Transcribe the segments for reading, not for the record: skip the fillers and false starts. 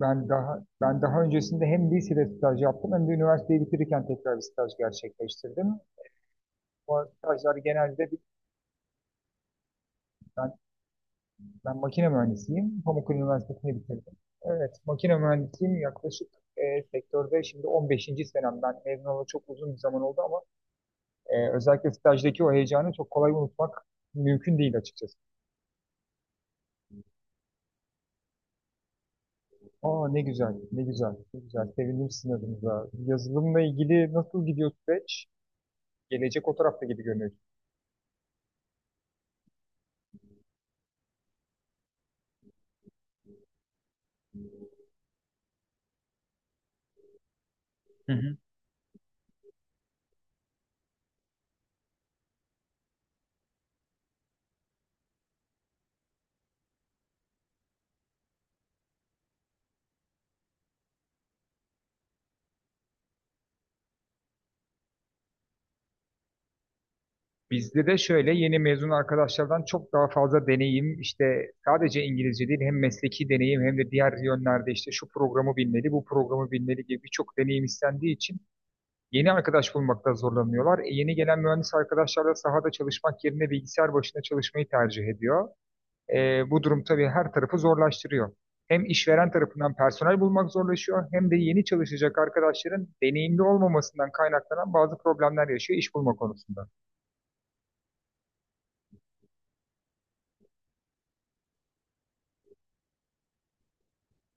Ben daha öncesinde hem lisede staj yaptım hem de üniversiteyi bitirirken tekrar bir staj gerçekleştirdim. Bu stajlar genelde bir- ben, ben makine mühendisiyim. Pamukkale Üniversitesi'ni bitirdim. Evet, makine mühendisiyim yaklaşık sektörde şimdi 15. senemden mezun olalı çok uzun bir zaman oldu ama özellikle stajdaki o heyecanı çok kolay unutmak mümkün değil açıkçası. Aa ne güzel, ne güzel, ne güzel. Sevindim sizin adınıza. Yazılımla ilgili nasıl gidiyor süreç? Gelecek o tarafta gibi görünüyor. Bizde de şöyle yeni mezun arkadaşlardan çok daha fazla deneyim, işte sadece İngilizce değil, hem mesleki deneyim hem de diğer yönlerde işte şu programı bilmeli bu programı bilmeli gibi birçok deneyim istendiği için yeni arkadaş bulmakta zorlanıyorlar. Yeni gelen mühendis arkadaşlar da sahada çalışmak yerine bilgisayar başında çalışmayı tercih ediyor. Bu durum tabii her tarafı zorlaştırıyor. Hem işveren tarafından personel bulmak zorlaşıyor hem de yeni çalışacak arkadaşların deneyimli olmamasından kaynaklanan bazı problemler yaşıyor iş bulma konusunda.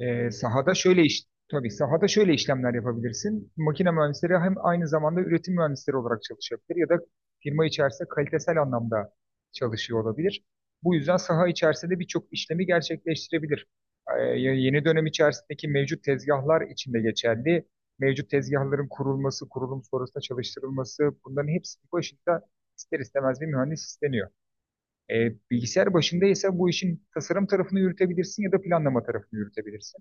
Ee, sahada şöyle iş, tabii sahada şöyle işlemler yapabilirsin. Makine mühendisleri hem aynı zamanda üretim mühendisleri olarak çalışabilir ya da firma içerisinde kalitesel anlamda çalışıyor olabilir. Bu yüzden saha içerisinde birçok işlemi gerçekleştirebilir. Yeni dönem içerisindeki mevcut tezgahlar içinde geçerli. Mevcut tezgahların kurulması, kurulum sonrasında çalıştırılması bunların hepsinin başında ister istemez bir mühendis isteniyor. Bilgisayar başında ise bu işin tasarım tarafını yürütebilirsin ya da planlama tarafını yürütebilirsin.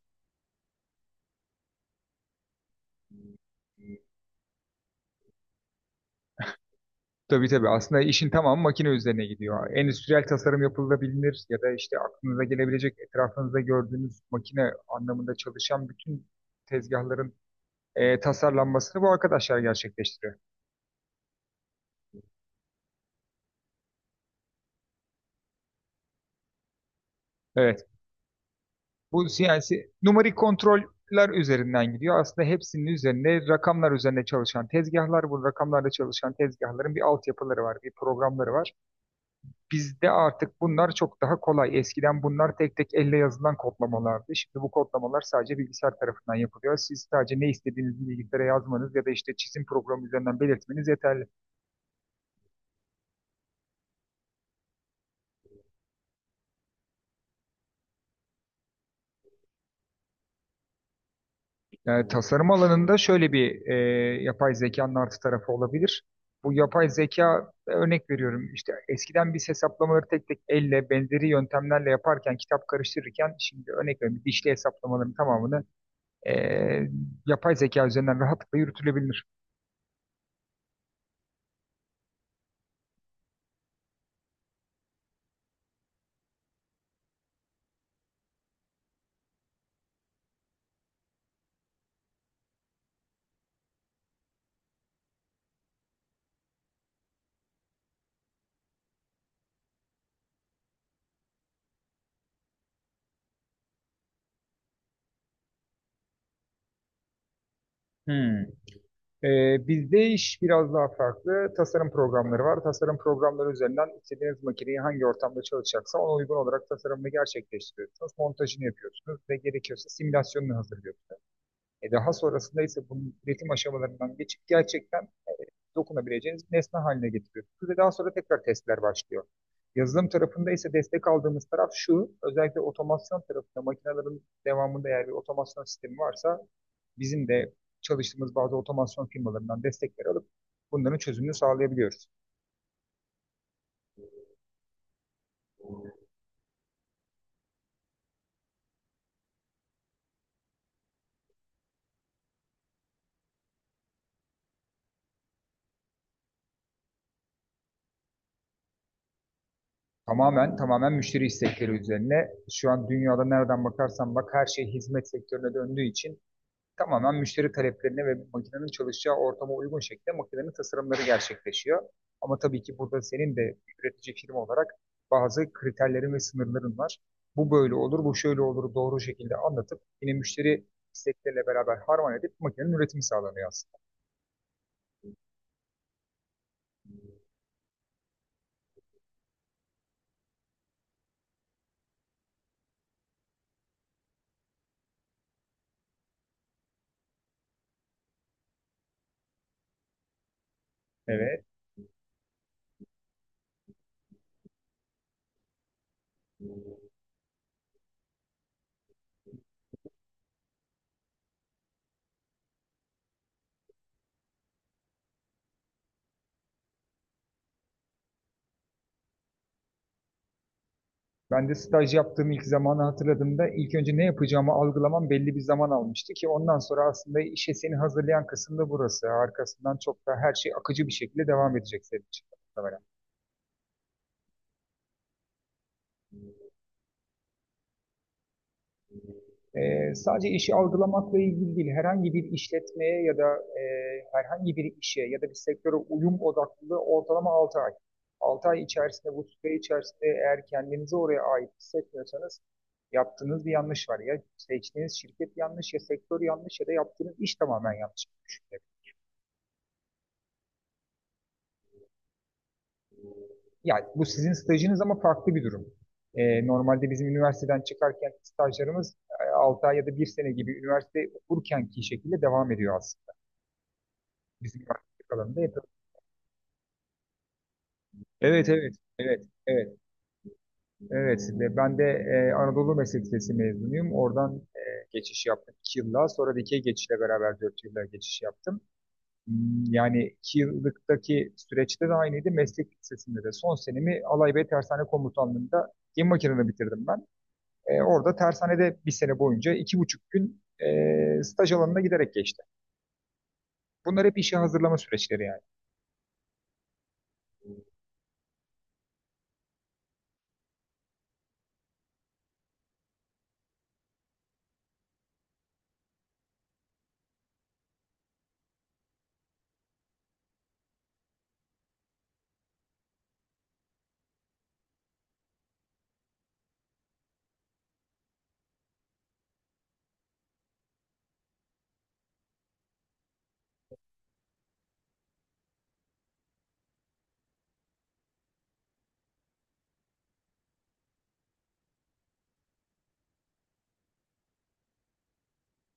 Tabii tabii. Aslında işin tamamı makine üzerine gidiyor. Endüstriyel tasarım yapılabilir ya da işte aklınıza gelebilecek etrafınızda gördüğünüz makine anlamında çalışan bütün tezgahların tasarlanmasını bu arkadaşlar gerçekleştiriyor. Evet. Bu CNC numarik kontroller üzerinden gidiyor. Aslında hepsinin üzerinde rakamlar üzerine çalışan tezgahlar, bu rakamlarla çalışan tezgahların bir altyapıları var, bir programları var. Bizde artık bunlar çok daha kolay. Eskiden bunlar tek tek elle yazılan kodlamalardı. Şimdi bu kodlamalar sadece bilgisayar tarafından yapılıyor. Siz sadece ne istediğinizi bilgisayara yazmanız ya da işte çizim programı üzerinden belirtmeniz yeterli. Yani tasarım alanında şöyle bir yapay zekanın artı tarafı olabilir. Bu yapay zeka, örnek veriyorum, işte eskiden biz hesaplamaları tek tek elle benzeri yöntemlerle yaparken kitap karıştırırken şimdi örnek veriyorum dişli hesaplamaların tamamını e, yapay zeka üzerinden rahatlıkla yürütülebilir. Hmm. Bizde iş biraz daha farklı. Tasarım programları var. Tasarım programları üzerinden istediğiniz makineyi hangi ortamda çalışacaksa ona uygun olarak tasarımını gerçekleştiriyorsunuz. Montajını yapıyorsunuz ve gerekiyorsa simülasyonunu hazırlıyorsunuz. E daha sonrasında ise bunun üretim aşamalarından geçip gerçekten dokunabileceğiniz bir nesne haline getiriyorsunuz ve daha sonra tekrar testler başlıyor. Yazılım tarafında ise destek aldığımız taraf şu, özellikle otomasyon tarafında makinelerin devamında eğer bir otomasyon sistemi varsa bizim de çalıştığımız bazı otomasyon firmalarından destekler alıp bunların çözümünü sağlayabiliyoruz. Tamamen müşteri istekleri üzerine, şu an dünyada nereden bakarsan bak her şey hizmet sektörüne döndüğü için tamamen müşteri taleplerine ve makinenin çalışacağı ortama uygun şekilde makinenin tasarımları gerçekleşiyor. Ama tabii ki burada senin de üretici firma olarak bazı kriterlerin ve sınırların var. Bu böyle olur, bu şöyle olur doğru şekilde anlatıp yine müşteri istekleriyle beraber harman edip makinenin üretimi sağlanıyor aslında. Evet. Ben de staj yaptığım ilk zamanı hatırladığımda ilk önce ne yapacağımı algılamam belli bir zaman almıştı ki ondan sonra aslında işe seni hazırlayan kısım da burası. Arkasından çok daha her şey akıcı bir şekilde devam edecek senin için. Sadece işi algılamakla ilgili değil, herhangi bir işletmeye ya da e, herhangi bir işe ya da bir sektöre uyum odaklılığı ortalama 6 ay. 6 ay içerisinde, bu süre içerisinde eğer kendinizi oraya ait hissetmiyorsanız yaptığınız bir yanlış var. Ya seçtiğiniz şirket yanlış, ya sektör yanlış ya da yaptığınız iş tamamen yanlış. Yani bu sizin stajınız ama farklı bir durum. Normalde bizim üniversiteden çıkarken stajlarımız 6 ay ya da bir sene gibi üniversite okurkenki şekilde devam ediyor aslında. Bizim üniversite alanında yapıyoruz. Evet, evet, evet, evet, evet. Ve ben de Anadolu Meslek Lisesi mezunuyum. Oradan geçiş yaptım iki yılla. Sonra dikey geçişle beraber dört yılla geçiş yaptım. Hmm, yani iki yıllıktaki süreçte de aynıydı. Meslek Lisesi'nde de son senemi Alaybey Tersane Komutanlığı'nda gemi makinelerini bitirdim ben. Orada tersanede bir sene boyunca iki buçuk gün staj alanına giderek geçti. Bunlar hep işe hazırlama süreçleri yani.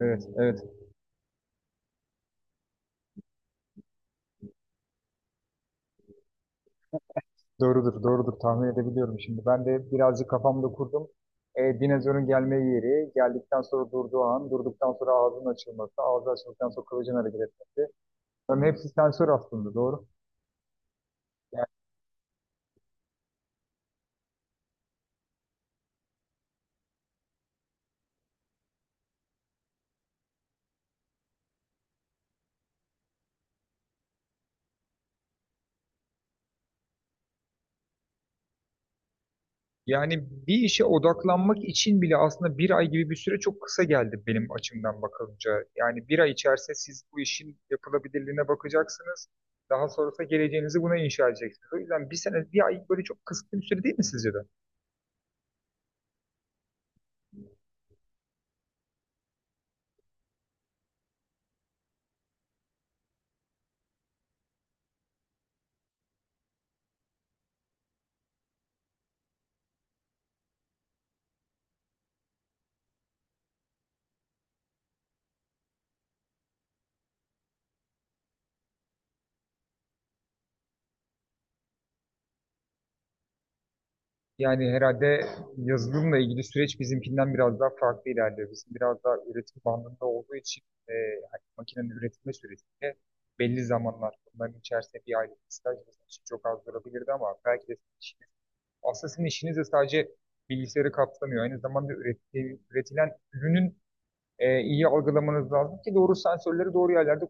Evet, evet. Doğrudur, doğrudur. Tahmin edebiliyorum şimdi. Ben de birazcık kafamda kurdum. Dinozorun gelme yeri, geldikten sonra durduğu an, durduktan sonra ağzının açılması, ağzı açıldıktan sonra kılıcın hareket etmesi. Bunların hepsi sensör aslında, doğru. Yani yani bir işe odaklanmak için bile aslında bir ay gibi bir süre çok kısa geldi benim açımdan bakılınca. Yani bir ay içerisinde siz bu işin yapılabilirliğine bakacaksınız. Daha sonrasında geleceğinizi buna inşa edeceksiniz. O yüzden bir sene, bir ay böyle çok kısıtlı bir süre değil mi sizce de? Yani herhalde yazılımla ilgili süreç bizimkinden biraz daha farklı ilerliyor. Bizim biraz daha üretim bandında olduğu için e, hani makinenin üretme sürecinde belli zamanlar bunların içerisinde bir aylık bir staj bizim için çok az durabilirdi ama belki de sizin işiniz, aslında sizin işiniz de sadece bilgisayarı kapsamıyor. Üretilen ürünün iyi algılamanız lazım ki doğru sensörleri doğru yerlerde.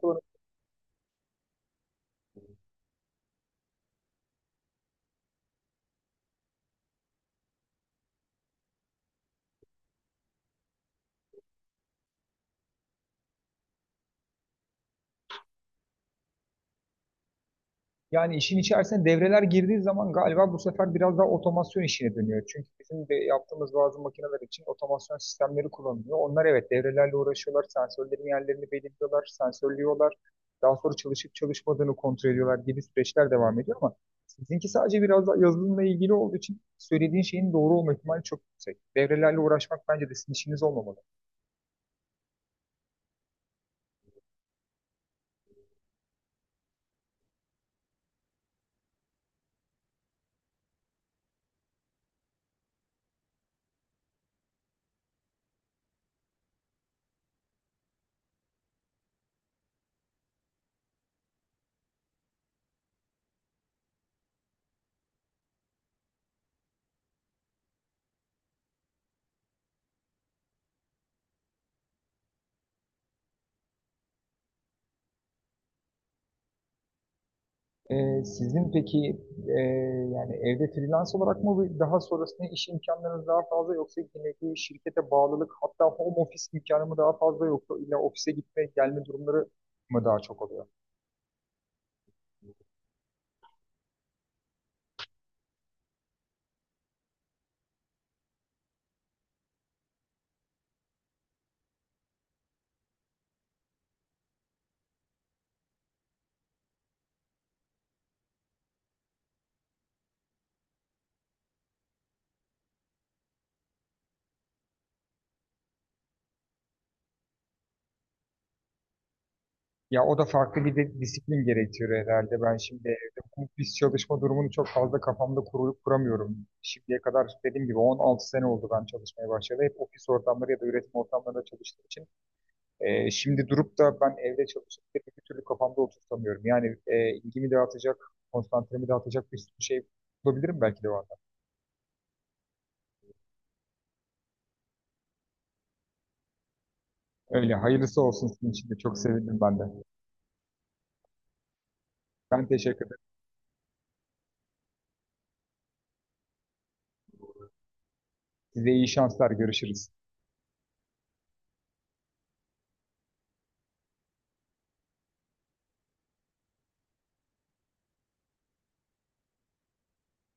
Yani işin içerisine devreler girdiği zaman galiba bu sefer biraz daha otomasyon işine dönüyor. Çünkü bizim de yaptığımız bazı makineler için otomasyon sistemleri kullanılıyor. Onlar evet devrelerle uğraşıyorlar, sensörlerin yerlerini belirliyorlar, sensörlüyorlar. Daha sonra çalışıp çalışmadığını kontrol ediyorlar gibi süreçler devam ediyor ama sizinki sadece biraz daha yazılımla ilgili olduğu için söylediğin şeyin doğru olma ihtimali çok yüksek. Devrelerle uğraşmak bence de sizin işiniz olmamalı. Sizin peki e, yani evde freelance olarak mı daha sonrasında iş imkanlarınız daha fazla, yoksa yine bir şirkete bağlılık, hatta home office imkanı mı daha fazla, yoksa illa ofise gitme gelme durumları mı daha çok oluyor? Ya o da farklı bir de disiplin gerektiriyor herhalde. Ben şimdi evde home office çalışma durumunu çok fazla kafamda kuramıyorum. Şimdiye kadar dediğim gibi 16 sene oldu ben çalışmaya başladı. Hep ofis ortamları ya da üretim ortamlarında çalıştığım için şimdi durup da ben evde çalışıp da bir türlü kafamda oturtamıyorum. Yani ilgimi dağıtacak, konsantremi dağıtacak bir sürü şey bulabilirim belki de o anda. Öyle hayırlısı olsun, sizin için de çok sevindim ben de. Ben teşekkür ederim. Size iyi şanslar. Görüşürüz.